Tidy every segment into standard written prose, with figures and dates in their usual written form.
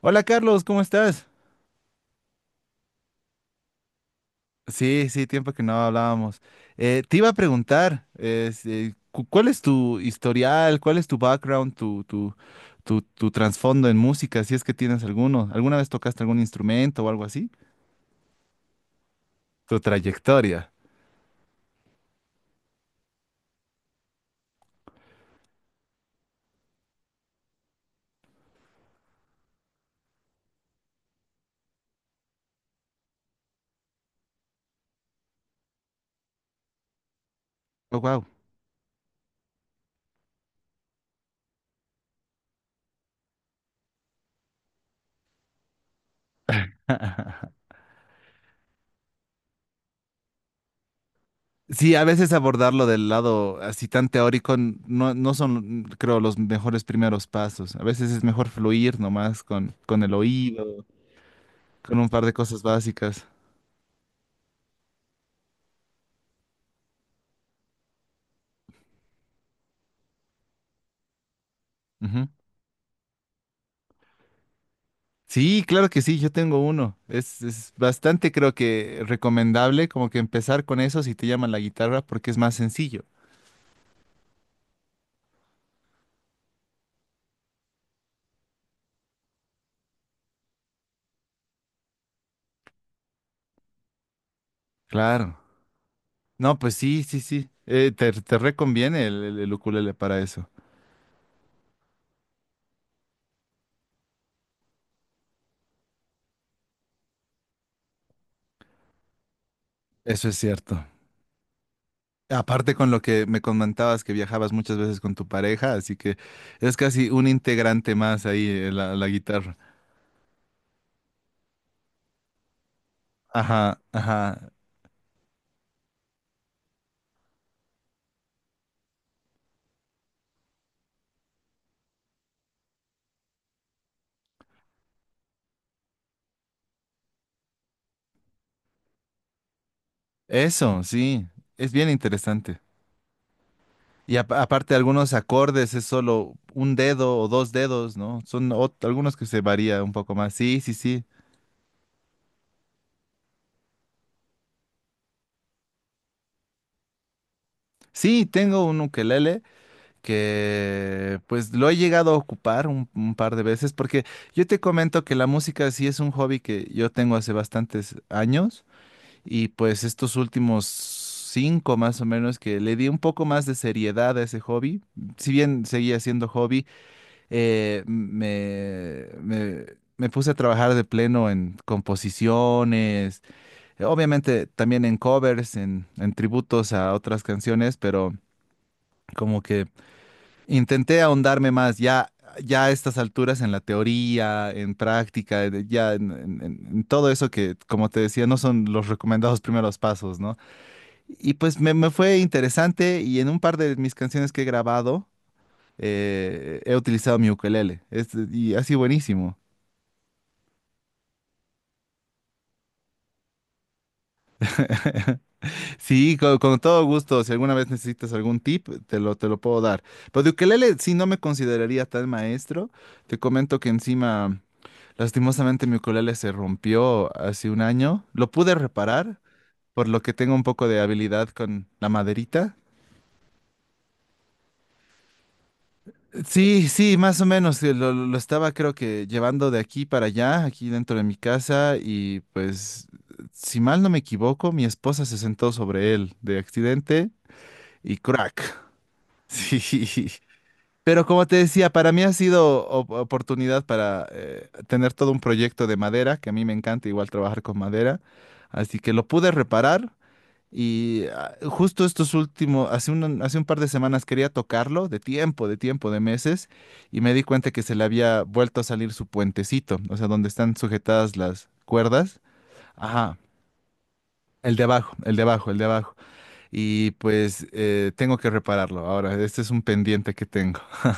Hola Carlos, ¿cómo estás? Sí, sí, tiempo que no hablábamos. Te iba a preguntar, ¿cuál es tu historial, cuál es tu background, tu trasfondo en música, si es que tienes alguno? ¿Alguna vez tocaste algún instrumento o algo así? Tu trayectoria. Oh, wow. Sí, a veces abordarlo del lado así tan teórico no, no son, creo, los mejores primeros pasos. A veces es mejor fluir nomás con el oído, con un par de cosas básicas. Ujú. Sí, claro que sí, yo tengo uno. Es bastante, creo que recomendable como que empezar con eso si te llama la guitarra porque es más sencillo. Claro. No, pues sí, sí, sí. Te reconviene el ukulele para eso. Eso es cierto. Aparte con lo que me comentabas que viajabas muchas veces con tu pareja, así que es casi un integrante más ahí la guitarra. Ajá, ajá. Eso, sí. Es bien interesante. Y aparte algunos acordes es solo un dedo o dos dedos, ¿no? Son algunos que se varía un poco más. Sí, sí, sí. Sí, tengo un ukelele que pues lo he llegado a ocupar un par de veces porque yo te comento que la música sí es un hobby que yo tengo hace bastantes años y pues estos últimos cinco más o menos que le di un poco más de seriedad a ese hobby, si bien seguía siendo hobby. eh, me, me- me puse a trabajar de pleno en composiciones, obviamente también en covers, en tributos a otras canciones, pero como que intenté ahondarme más ya a estas alturas en la teoría, en práctica, ya en todo eso que, como te decía, no son los recomendados primeros pasos, ¿no? Y pues me fue interesante y en un par de mis canciones que he grabado, he utilizado mi ukelele, y ha sido buenísimo. Sí, con, todo gusto. Si alguna vez necesitas algún tip, te lo puedo dar. Pero de ukelele sí no me consideraría tal maestro. Te comento que encima, lastimosamente, mi ukelele se rompió hace un año. Lo pude reparar, por lo que tengo un poco de habilidad con la maderita. Sí, sí, más o menos. Lo estaba creo que llevando de aquí para allá, aquí dentro de mi casa, y pues, si mal no me equivoco, mi esposa se sentó sobre él de accidente y crack. Sí. Pero como te decía, para mí ha sido oportunidad para tener todo un proyecto de madera, que a mí me encanta igual trabajar con madera. Así que lo pude reparar y ah, justo estos últimos, hace un par de semanas quería tocarlo, de tiempo, de meses, y me di cuenta que se le había vuelto a salir su puentecito, o sea, donde están sujetadas las cuerdas. Ajá. El de abajo, el de abajo, el de abajo. Y pues tengo que repararlo ahora. Este es un pendiente que tengo.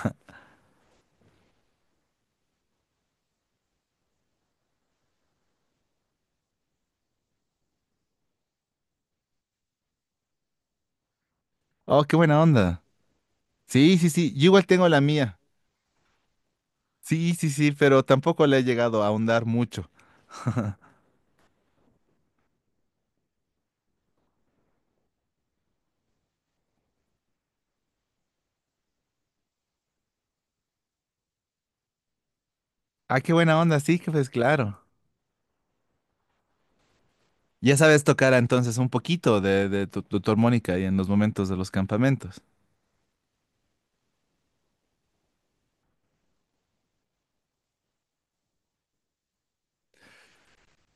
Oh, qué buena onda. Sí, sí, sí, yo igual tengo la mía. Sí, sí, sí, pero tampoco le he llegado a ahondar mucho. Ah, qué buena onda, sí, que pues claro. Ya sabes tocar entonces un poquito de tu armónica y en los momentos de los campamentos.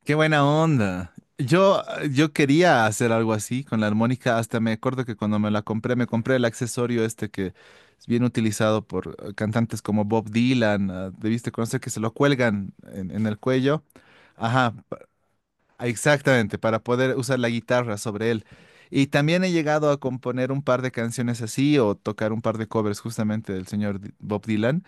Qué buena onda. Yo quería hacer algo así con la armónica, hasta me acuerdo que cuando me la compré, me compré el accesorio este que es bien utilizado por cantantes como Bob Dylan, ah, debiste conocer que se lo cuelgan en el cuello. Ajá, exactamente, para poder usar la guitarra sobre él. Y también he llegado a componer un par de canciones así o tocar un par de covers justamente del señor Bob Dylan,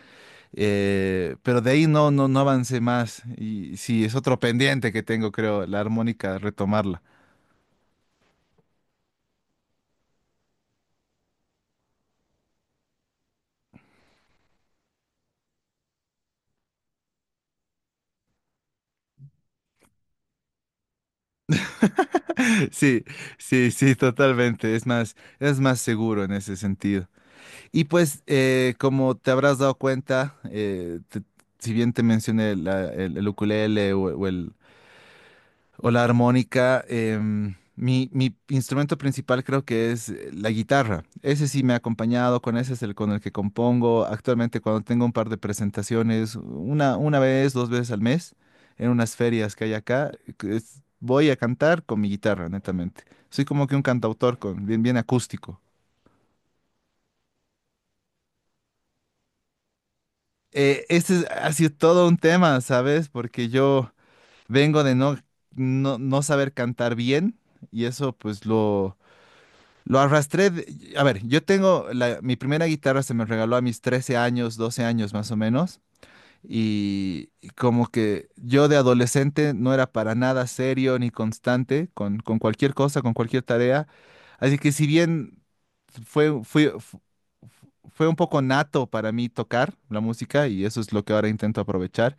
pero de ahí no, no, no avancé más. Y sí, es otro pendiente que tengo, creo, la armónica, retomarla. Sí, sí, sí, totalmente. Es más seguro en ese sentido. Y pues, como te habrás dado cuenta, si bien te mencioné el ukulele o el o la armónica. Mi instrumento principal creo que es la guitarra. Ese sí me ha acompañado, con ese es el con el que compongo actualmente cuando tengo un par de presentaciones, una vez, dos veces al mes, en unas ferias que hay acá. Voy a cantar con mi guitarra, netamente. Soy como que un cantautor bien, bien acústico. Este ha sido todo un tema, ¿sabes? Porque yo vengo de no, no, no saber cantar bien y eso pues lo arrastré, a ver, mi primera guitarra se me regaló a mis 13 años, 12 años más o menos, y como que yo de adolescente no era para nada serio ni constante con cualquier cosa, con cualquier tarea, así que si bien fue, fui- fu- fue un poco nato para mí tocar la música y eso es lo que ahora intento aprovechar.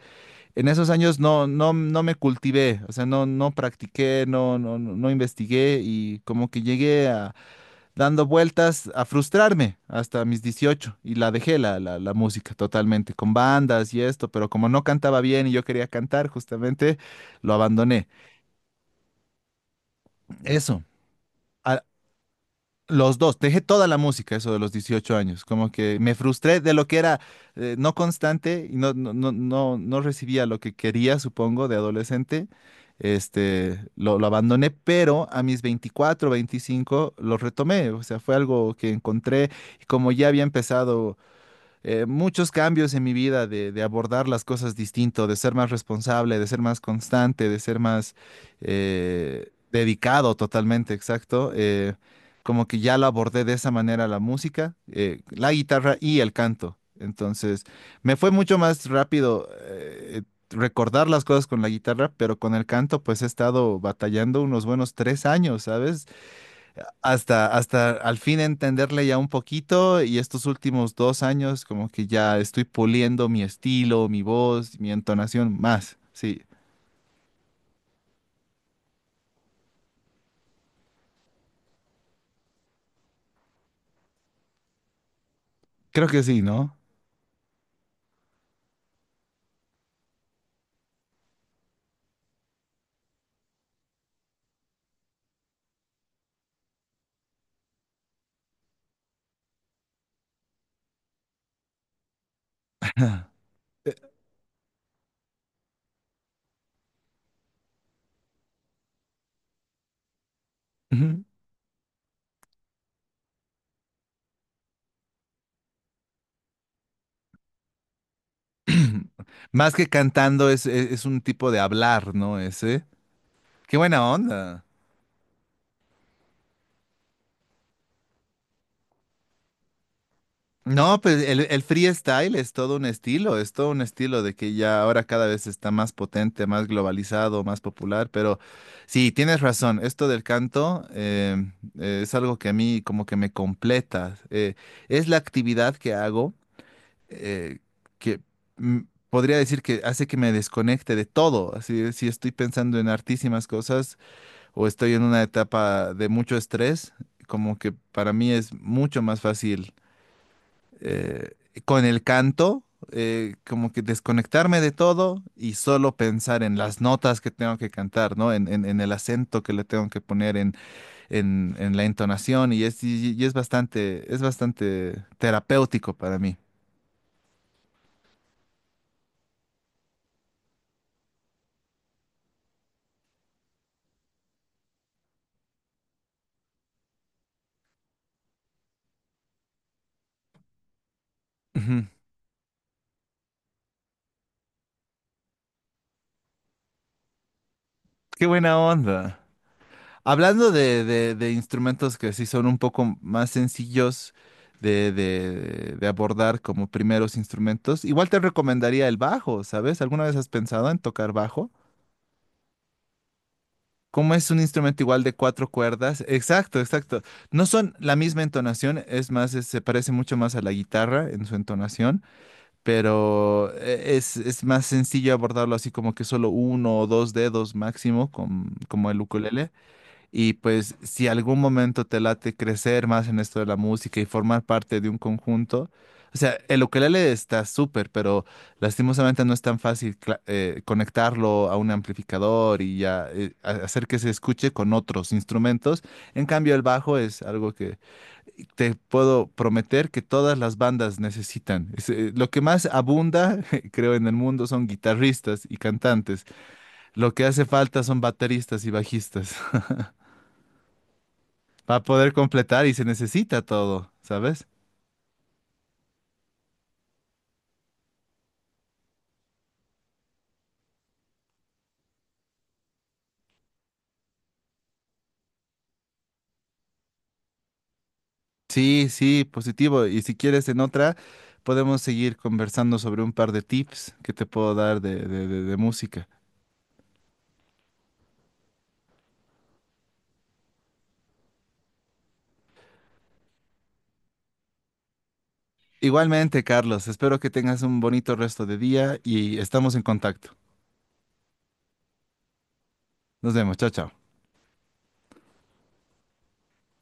En esos años no, no, no me cultivé, o sea, no, no practiqué, no, no, no no investigué y como que llegué a dando vueltas a frustrarme hasta mis 18 y la dejé la música totalmente, con bandas y esto, pero como no cantaba bien y yo quería cantar justamente, lo abandoné. Eso, a- los dos, dejé toda la música, eso de los 18 años, como que me frustré de lo que era no constante y no, no, no, no, no recibía lo que quería, supongo, de adolescente. Este, lo abandoné, pero a mis 24 25 lo retomé, o sea, fue algo que encontré y como ya había empezado muchos cambios en mi vida de abordar las cosas distinto, de ser más responsable, de ser más constante, de ser más dedicado totalmente, exacto. Como que ya lo abordé de esa manera la música, la guitarra y el canto. Entonces, me fue mucho más rápido recordar las cosas con la guitarra, pero con el canto pues he estado batallando unos buenos 3 años, ¿sabes? Hasta al fin entenderle ya un poquito y estos últimos 2 años como que ya estoy puliendo mi estilo, mi voz, mi entonación más. Sí, creo que sí, ¿no? Eh, ujú. Más que cantando es un tipo de hablar, ¿no? Ese. Qué buena onda. No, pues el freestyle es todo un estilo de que ya ahora cada vez está más potente, más globalizado, más popular, pero sí, tienes razón, esto del canto es algo que a mí como que me completa, es la actividad que hago eh, que mm, podría decir que hace que me desconecte de todo, así si estoy pensando en artísimas cosas o estoy en una etapa de mucho estrés, como que para mí es mucho más fácil eh, con el canto, como que desconectarme de todo y solo pensar en las notas que tengo que cantar, ¿no? En el acento que le tengo que poner, en la entonación, y es bastante terapéutico para mí. Ujú. Qué buena onda. Hablando de instrumentos que sí son un poco más sencillos de abordar como primeros instrumentos, igual te recomendaría el bajo, ¿sabes? ¿Alguna vez has pensado en tocar bajo? ¿Cómo es un instrumento igual de cuatro cuerdas? Exacto, exacto. No son la misma entonación, es más, se parece mucho más a la guitarra en su entonación, pero es más sencillo abordarlo así como que solo uno o dos dedos máximo, como el ukulele. Y pues si algún momento te late crecer más en esto de la música y formar parte de un conjunto, o sea, el ukelele está súper, pero lastimosamente no es tan fácil conectarlo a un amplificador y ya hacer que se escuche con otros instrumentos. En cambio, el bajo es algo que te puedo prometer que todas las bandas necesitan. Lo que más abunda, creo, en el mundo son guitarristas y cantantes. Lo que hace falta son bateristas y bajistas para poder completar y se necesita todo, ¿sabes? Sí, sí, positivo. Y si quieres en otra, podemos seguir conversando sobre un par de tips que te puedo dar de música. Igualmente, Carlos, espero que tengas un bonito resto de día y estamos en contacto. Nos vemos, chao, chao.